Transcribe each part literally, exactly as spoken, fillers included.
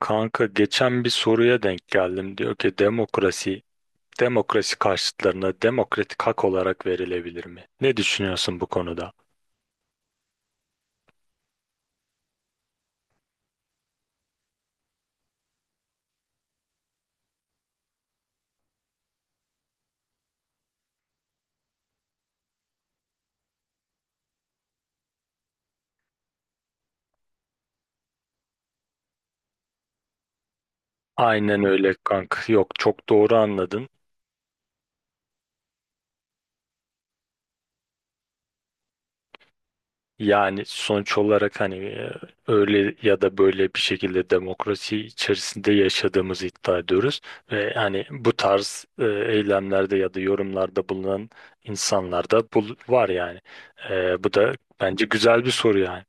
Kanka geçen bir soruya denk geldim. Diyor ki demokrasi, demokrasi karşıtlarına demokratik hak olarak verilebilir mi? Ne düşünüyorsun bu konuda? Aynen öyle kanka. Yok, çok doğru anladın. Yani sonuç olarak hani e, öyle ya da böyle bir şekilde demokrasi içerisinde yaşadığımızı iddia ediyoruz. Ve hani bu tarz e, eylemlerde ya da yorumlarda bulunan insanlar da bul- var yani. E, bu da bence güzel bir soru yani.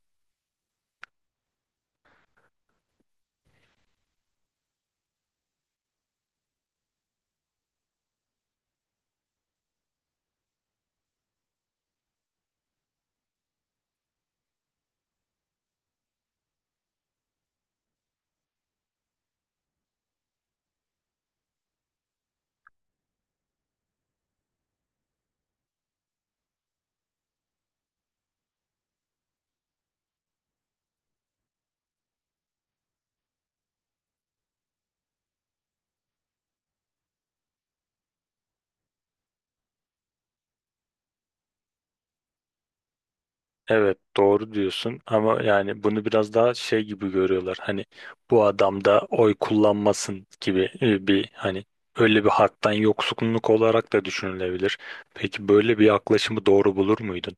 Evet, doğru diyorsun ama yani bunu biraz daha şey gibi görüyorlar. Hani bu adam da oy kullanmasın gibi, e, bir hani öyle bir haktan yoksunluk olarak da düşünülebilir. Peki böyle bir yaklaşımı doğru bulur muydun?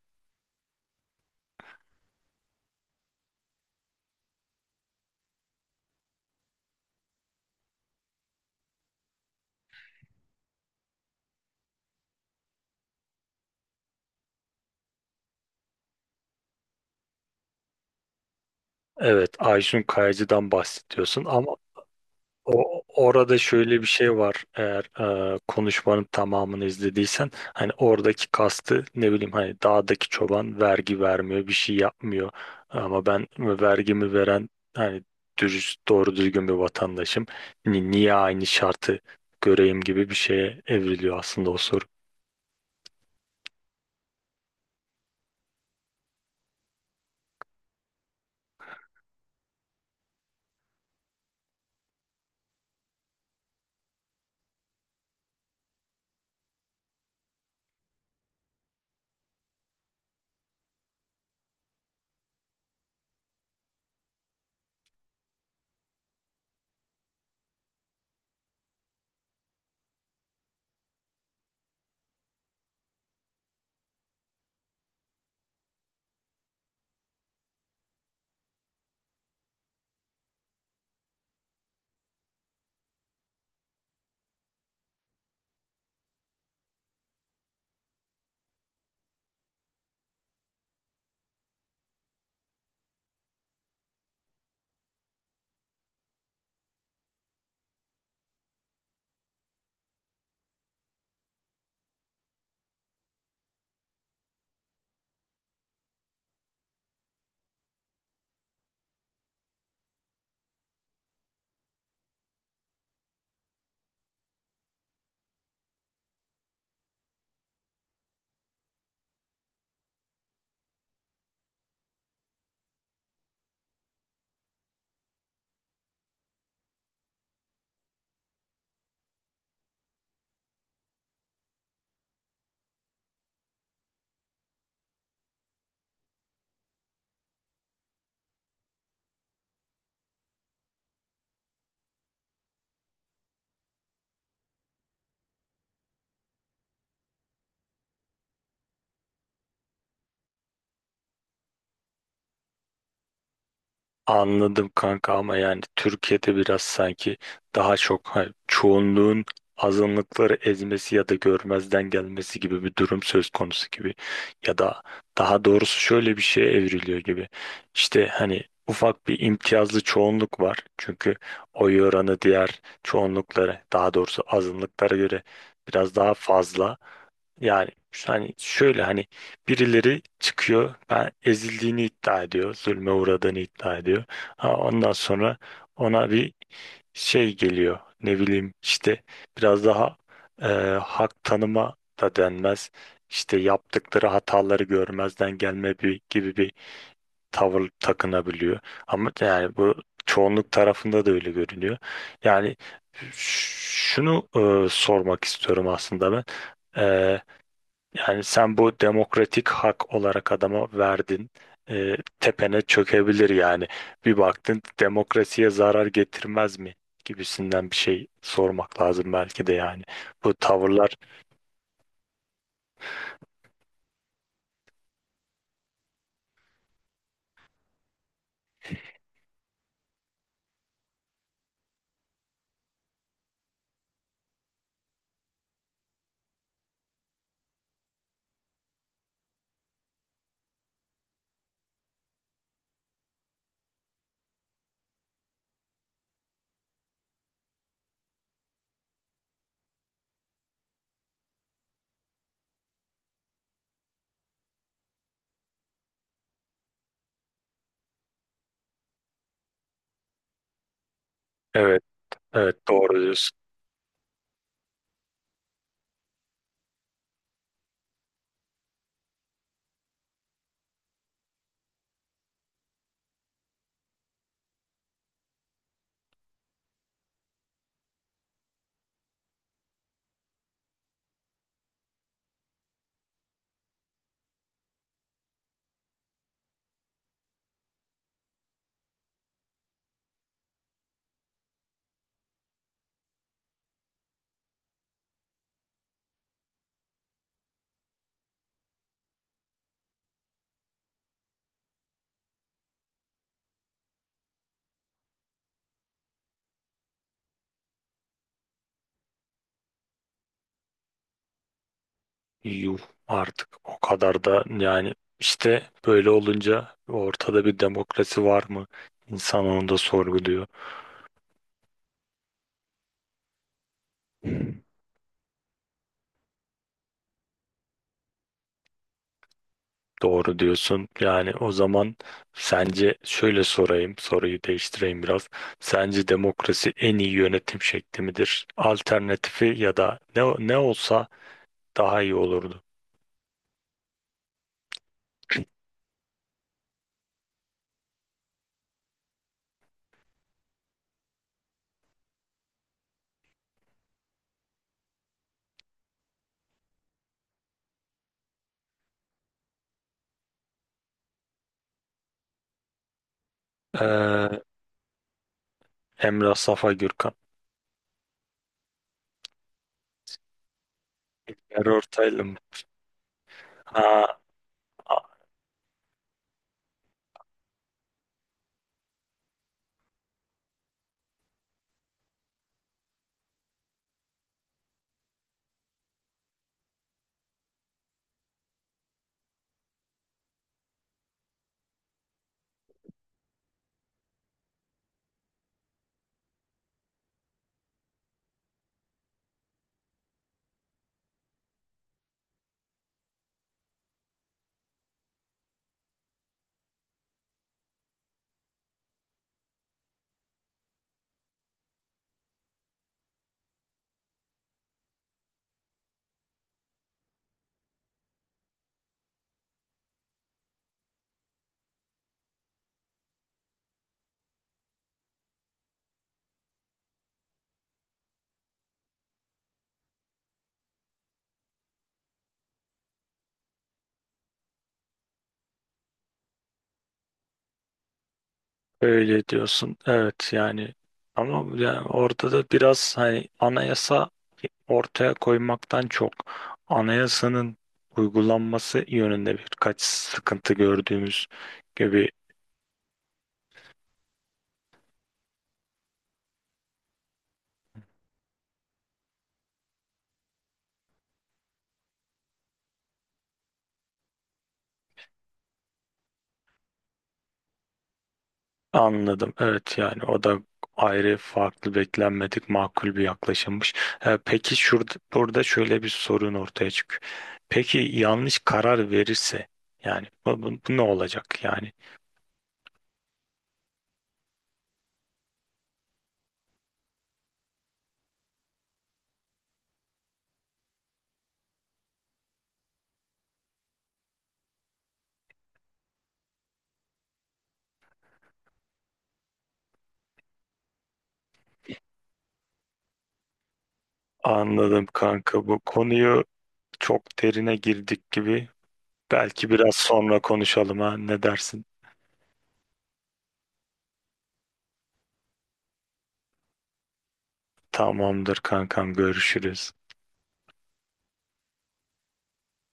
Evet, Ayşun Kayacı'dan bahsediyorsun ama o, orada şöyle bir şey var. Eğer e, konuşmanın tamamını izlediysen hani oradaki kastı ne bileyim, hani dağdaki çoban vergi vermiyor, bir şey yapmıyor. Ama ben vergimi veren hani dürüst, doğru düzgün bir vatandaşım. Ni- Niye aynı şartı göreyim gibi bir şeye evriliyor aslında o soru. Anladım kanka ama yani Türkiye'de biraz sanki daha çok, ha, çoğunluğun azınlıkları ezmesi ya da görmezden gelmesi gibi bir durum söz konusu gibi, ya da daha doğrusu şöyle bir şeye evriliyor gibi. İşte hani ufak bir imtiyazlı çoğunluk var. Çünkü oy oranı diğer çoğunluklara, daha doğrusu azınlıklara göre biraz daha fazla. Yani şu- hani şöyle hani birileri çıkıyor, ben ezildiğini iddia ediyor, zulme uğradığını iddia ediyor. Ha, ondan sonra ona bir şey geliyor, ne bileyim işte, biraz daha e, hak tanıma da denmez. İşte yaptıkları hataları görmezden gelme bir, gibi bir tavır takınabiliyor. Ama yani bu çoğunluk tarafında da öyle görünüyor. Yani ş- şunu e, sormak istiyorum aslında ben. Yani sen bu demokratik hak olarak adama verdin. Ee, tepene çökebilir yani. Bir baktın, demokrasiye zarar getirmez mi gibisinden bir şey sormak lazım belki de yani. Bu tavırlar evet, evet, doğru diyorsun. Yuh, artık o kadar da yani, işte böyle olunca ortada bir demokrasi var mı? İnsan onu da sorguluyor. Doğru diyorsun. Yani o zaman sence şöyle sorayım, soruyu değiştireyim biraz. Sence demokrasi en iyi yönetim şekli midir? Alternatifi ya da ne, ne olsa daha iyi olurdu. Ee, Emrah Safa Gürkan. İlker Ortaylı mı? Ha, öyle diyorsun. Evet yani, ama yani orada da biraz hani anayasa ortaya koymaktan çok anayasanın uygulanması yönünde birkaç sıkıntı gördüğümüz gibi anladım. Evet yani o da ayrı, farklı, beklenmedik, makul bir yaklaşımmış. Ee, peki şurada burada şöyle bir sorun ortaya çıkıyor. Peki yanlış karar verirse, yani bu, bu- bu ne olacak yani? Anladım kanka, bu konuyu çok derine girdik gibi. Belki biraz sonra konuşalım, ha, ne dersin? Tamamdır kankam, görüşürüz.